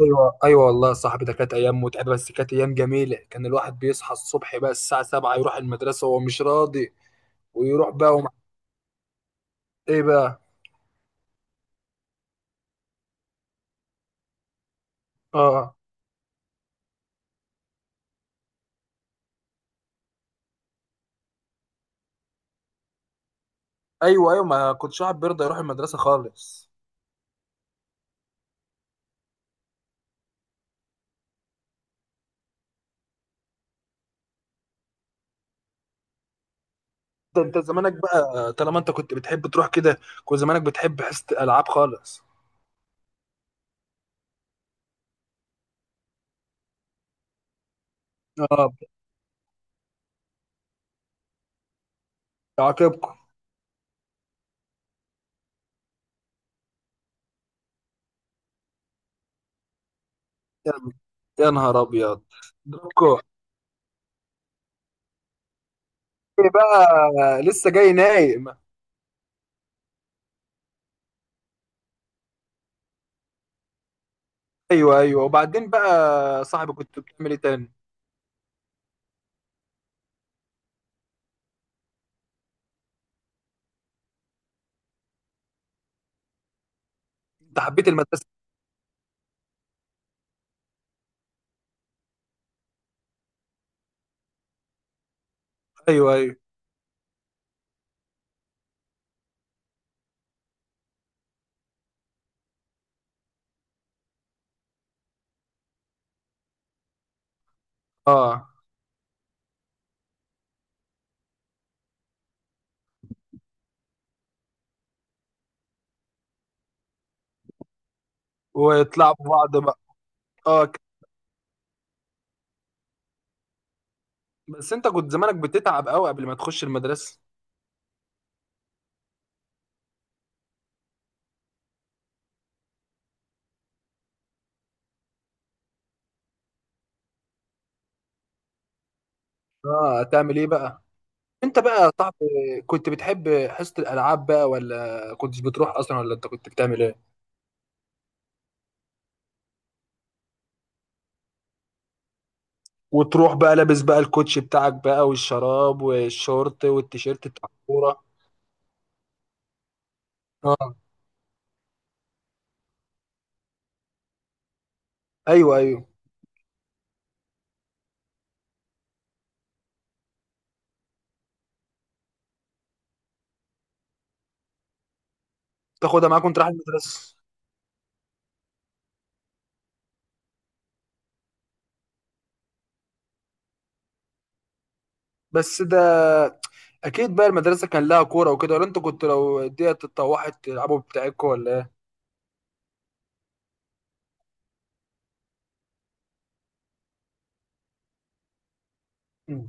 ايوه، ايوه، والله يا صاحبي ده كانت ايام متعبه، بس كانت ايام جميله. كان الواحد بيصحى الصبح بقى الساعه 7، يروح المدرسه وهو مش راضي، ويروح بقى ومع ايه بقى. اه. ايوه ايوه، ما كنتش واحد بيرضى يروح المدرسه خالص. ده انت زمانك بقى طالما انت كنت بتحب تروح كده، كنت زمانك بتحب حصه الالعاب خالص. اه، عاقبكم. يا يا نهار ابيض. دوكو، ايه بقى لسه جاي نايم؟ ايوه ايوه، وبعدين بقى يا صاحبي كنت بتعمل ايه تاني؟ انت حبيت المدرسه؟ ايوه ايوه. اه، ويطلعوا بعض بقى. اه ك- بس انت كنت زمانك بتتعب قوي قبل ما تخش المدرسه. اه، تعمل ايه بقى؟ انت بقى يا صاحبي، كنت بتحب حصه الالعاب بقى ولا كنتش بتروح اصلا، ولا انت كنت بتعمل ايه؟ وتروح بقى لابس بقى الكوتش بتاعك بقى، والشراب والشورت والتيشيرت بتاع الكوره. اه. ايوه ايوه، تاخدها معاك وانت رايح المدرسه؟ بس اكيد بقى المدرسه كان لها كوره وكده، ولا انت كنت لو ديت اتطوحت تلعبوا بتاعكوا، ولا ايه؟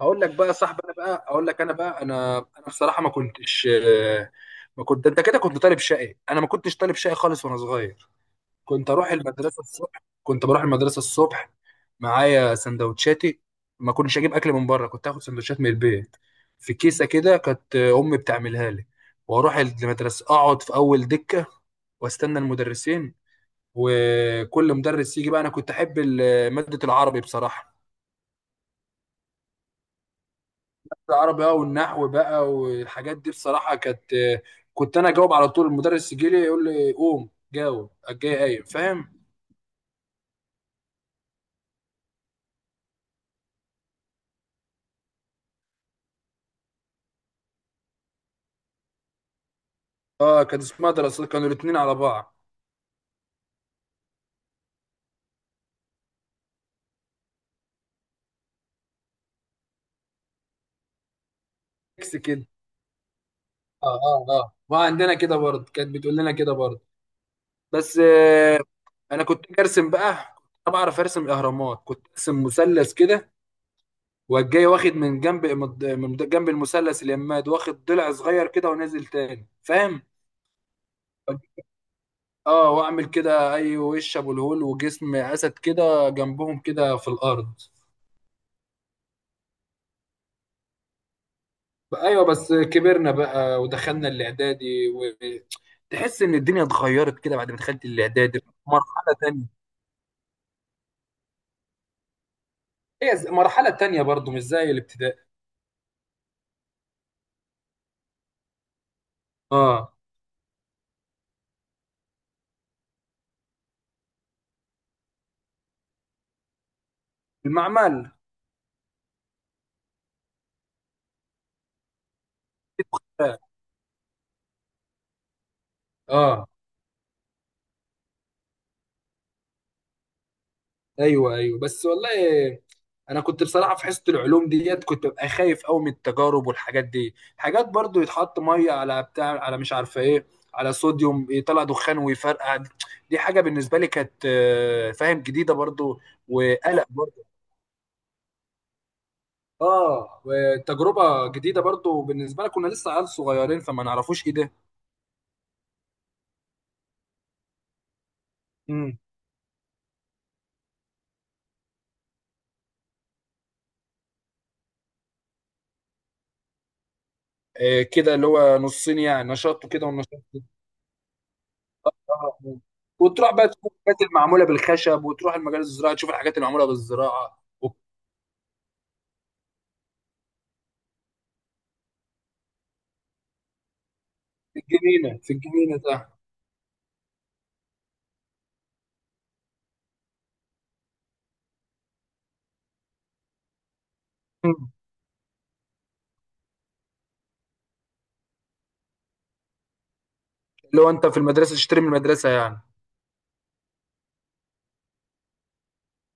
هقول لك بقى يا صاحبي. انا بقى اقول لك انا بقى انا انا بصراحه ما كنتش، ما كنت انت كده. كنت طالب شقي، انا ما كنتش طالب شقي خالص وانا صغير. كنت اروح المدرسه الصبح، كنت بروح المدرسه الصبح معايا سندوتشاتي. ما كنتش اجيب اكل من بره، كنت اخد سندوتشات من البيت في كيسه كده، كانت امي بتعملها لي. واروح المدرسه اقعد في اول دكه واستنى المدرسين، وكل مدرس يجي بقى. انا كنت احب ماده العربي بصراحه. العربي بقى والنحو بقى والحاجات دي بصراحة كانت، كنت انا اجاوب على طول. المدرس يجي لي يقول لي قوم جاوب، الجاي قايم، فاهم. اه، كانت اسمها دراسات، كانوا الاثنين على بعض. ميكس كده. اه اه اه، وعندنا كده برضه كانت بتقول لنا كده برضه. بس آه، انا كنت ارسم بقى. انا بعرف ارسم الاهرامات، كنت ارسم مثلث كده، والجاي واخد من جنب، من جنب المثلث اليماد واخد ضلع صغير كده ونازل تاني، فاهم. اه، واعمل كده اي وش ابو الهول وجسم اسد كده جنبهم كده في الارض. بقى ايوه، بس كبرنا بقى ودخلنا الاعدادي، وتحس ان الدنيا اتغيرت كده بعد ما دخلت الاعدادي. مرحله تانية. مرحله تانية برضو مش زي الابتدائي. اه، المعمل. اه ايوه ايوه، بس والله، انا كنت بصراحه في حصه العلوم ديت كنت ببقى خايف قوي من التجارب والحاجات دي. حاجات برضو يتحط ميه على بتاع، على مش عارفه ايه، على صوديوم يطلع دخان ويفرقع. دي حاجه بالنسبه لي كانت، آه، فاهم، جديده برضو. وقلق برضو. اه، وتجربه جديده برضو بالنسبه لنا، كنا لسه عيال صغيرين فما نعرفوش ايه ده. امم آه، كده اللي هو نصين، يعني نشاط وكده ونشاط كده. آه. وتروح بقى تشوف الحاجات المعموله بالخشب، وتروح المجال الزراعي تشوف الحاجات المعموله بالزراعه. في الجنينة تحت. مم. اللي هو انت في المدرسة تشتري من المدرسة يعني.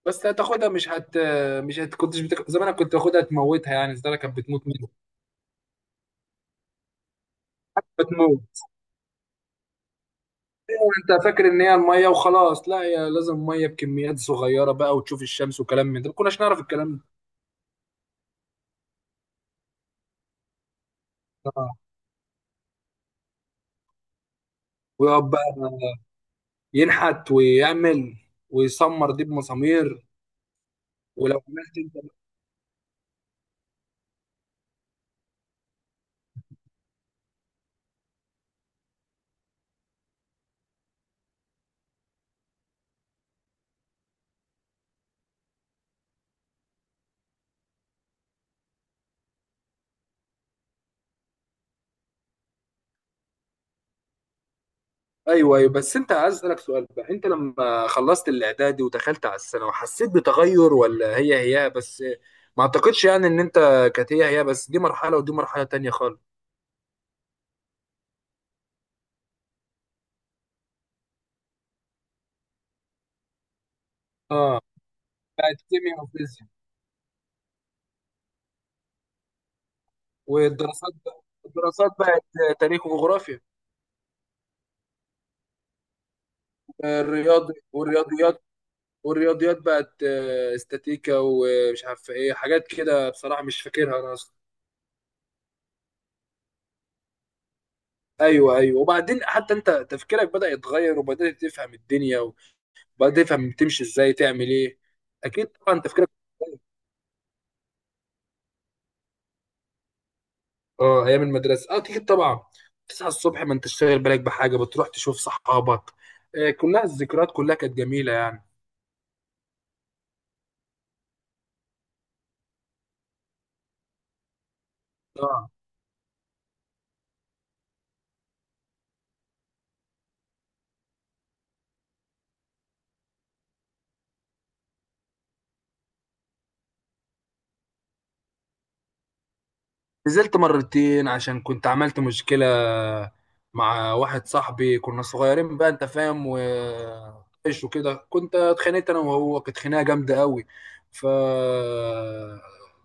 بس هتاخدها مش هت مش هت كنتش بتك... زمان أنا كنت باخدها تموتها، يعني الزلمه كانت بتموت منها. بتموت. انت فاكر ان هي الميه وخلاص؟ لا، هي لازم ميه بكميات صغيره بقى، وتشوف الشمس وكلام من ده، ما كناش نعرف الكلام ده. آه. ويقعد بقى ينحت ويعمل، ويسمر دي بمسامير. ولو عملت انت. ايوه ايوه، بس انت عايز اسالك سؤال بقى. انت لما خلصت الاعدادي ودخلت على الثانوي حسيت بتغير ولا هي هي بس؟ ما اعتقدش يعني ان انت كانت هي هي بس، دي مرحله ودي مرحله تانية خالص. اه، بقت كيمياء وفيزياء. والدراسات بقى، الدراسات بقت تاريخ وجغرافيا. الرياضي والرياضيات، والرياضيات بقت آه، استاتيكا ومش عارف ايه، حاجات كده بصراحه مش فاكرها انا اصلا. ايوه ايوه، وبعدين حتى انت تفكيرك بدأ يتغير، وبدأت تفهم الدنيا بقى، تفهم بتمشي ازاي تعمل ايه. اكيد طبعا تفكيرك. اه، ايام المدرسه، اه اكيد طبعا. تصحى الصبح ما انت شاغل بالك بحاجه، بتروح تشوف صحابك. آه كلها، الذكريات كلها كانت جميله يعني. اه، نزلت مرتين عشان كنت عملت مشكله مع واحد صاحبي، كنا صغيرين بقى، انت فاهم. و وكده، كنت اتخانقت انا وهو، كانت خناقه جامده قوي. ف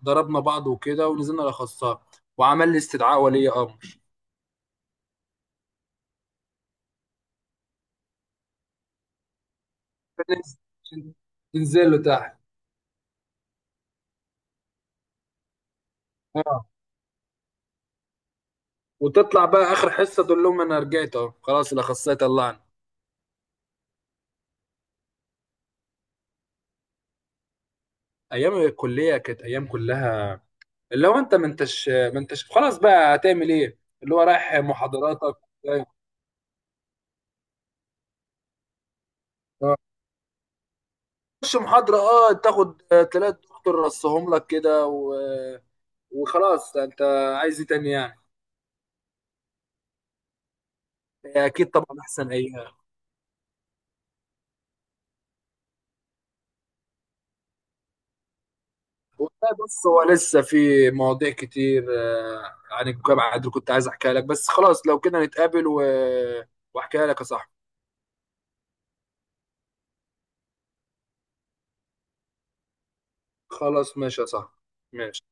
ضربنا بعض وكده ونزلنا الاخصائي، وعمل لي استدعاء ولي امر. فينيش. عشان تنزل له تحت. اه، وتطلع بقى اخر حصه تقول لهم انا رجعت اهو، خلاص الاخصائي طلعني. ايام الكليه كانت ايام كلها. اللي هو انت ما انتش خلاص بقى، هتعمل ايه؟ اللي هو رايح محاضراتك جاي. آه. تخش محاضره، اه تاخد، آه، تلاقي الدكتور رصهم لك كده و... وخلاص انت عايز ايه تاني يعني؟ اكيد طبعا احسن ايام. والله بص، هو لسه في مواضيع كتير آه، عن الجامعة اللي كنت عايز احكيها لك، بس خلاص لو كده نتقابل و... واحكيها لك يا صاحبي. خلاص ماشي يا صاحبي. ماشي.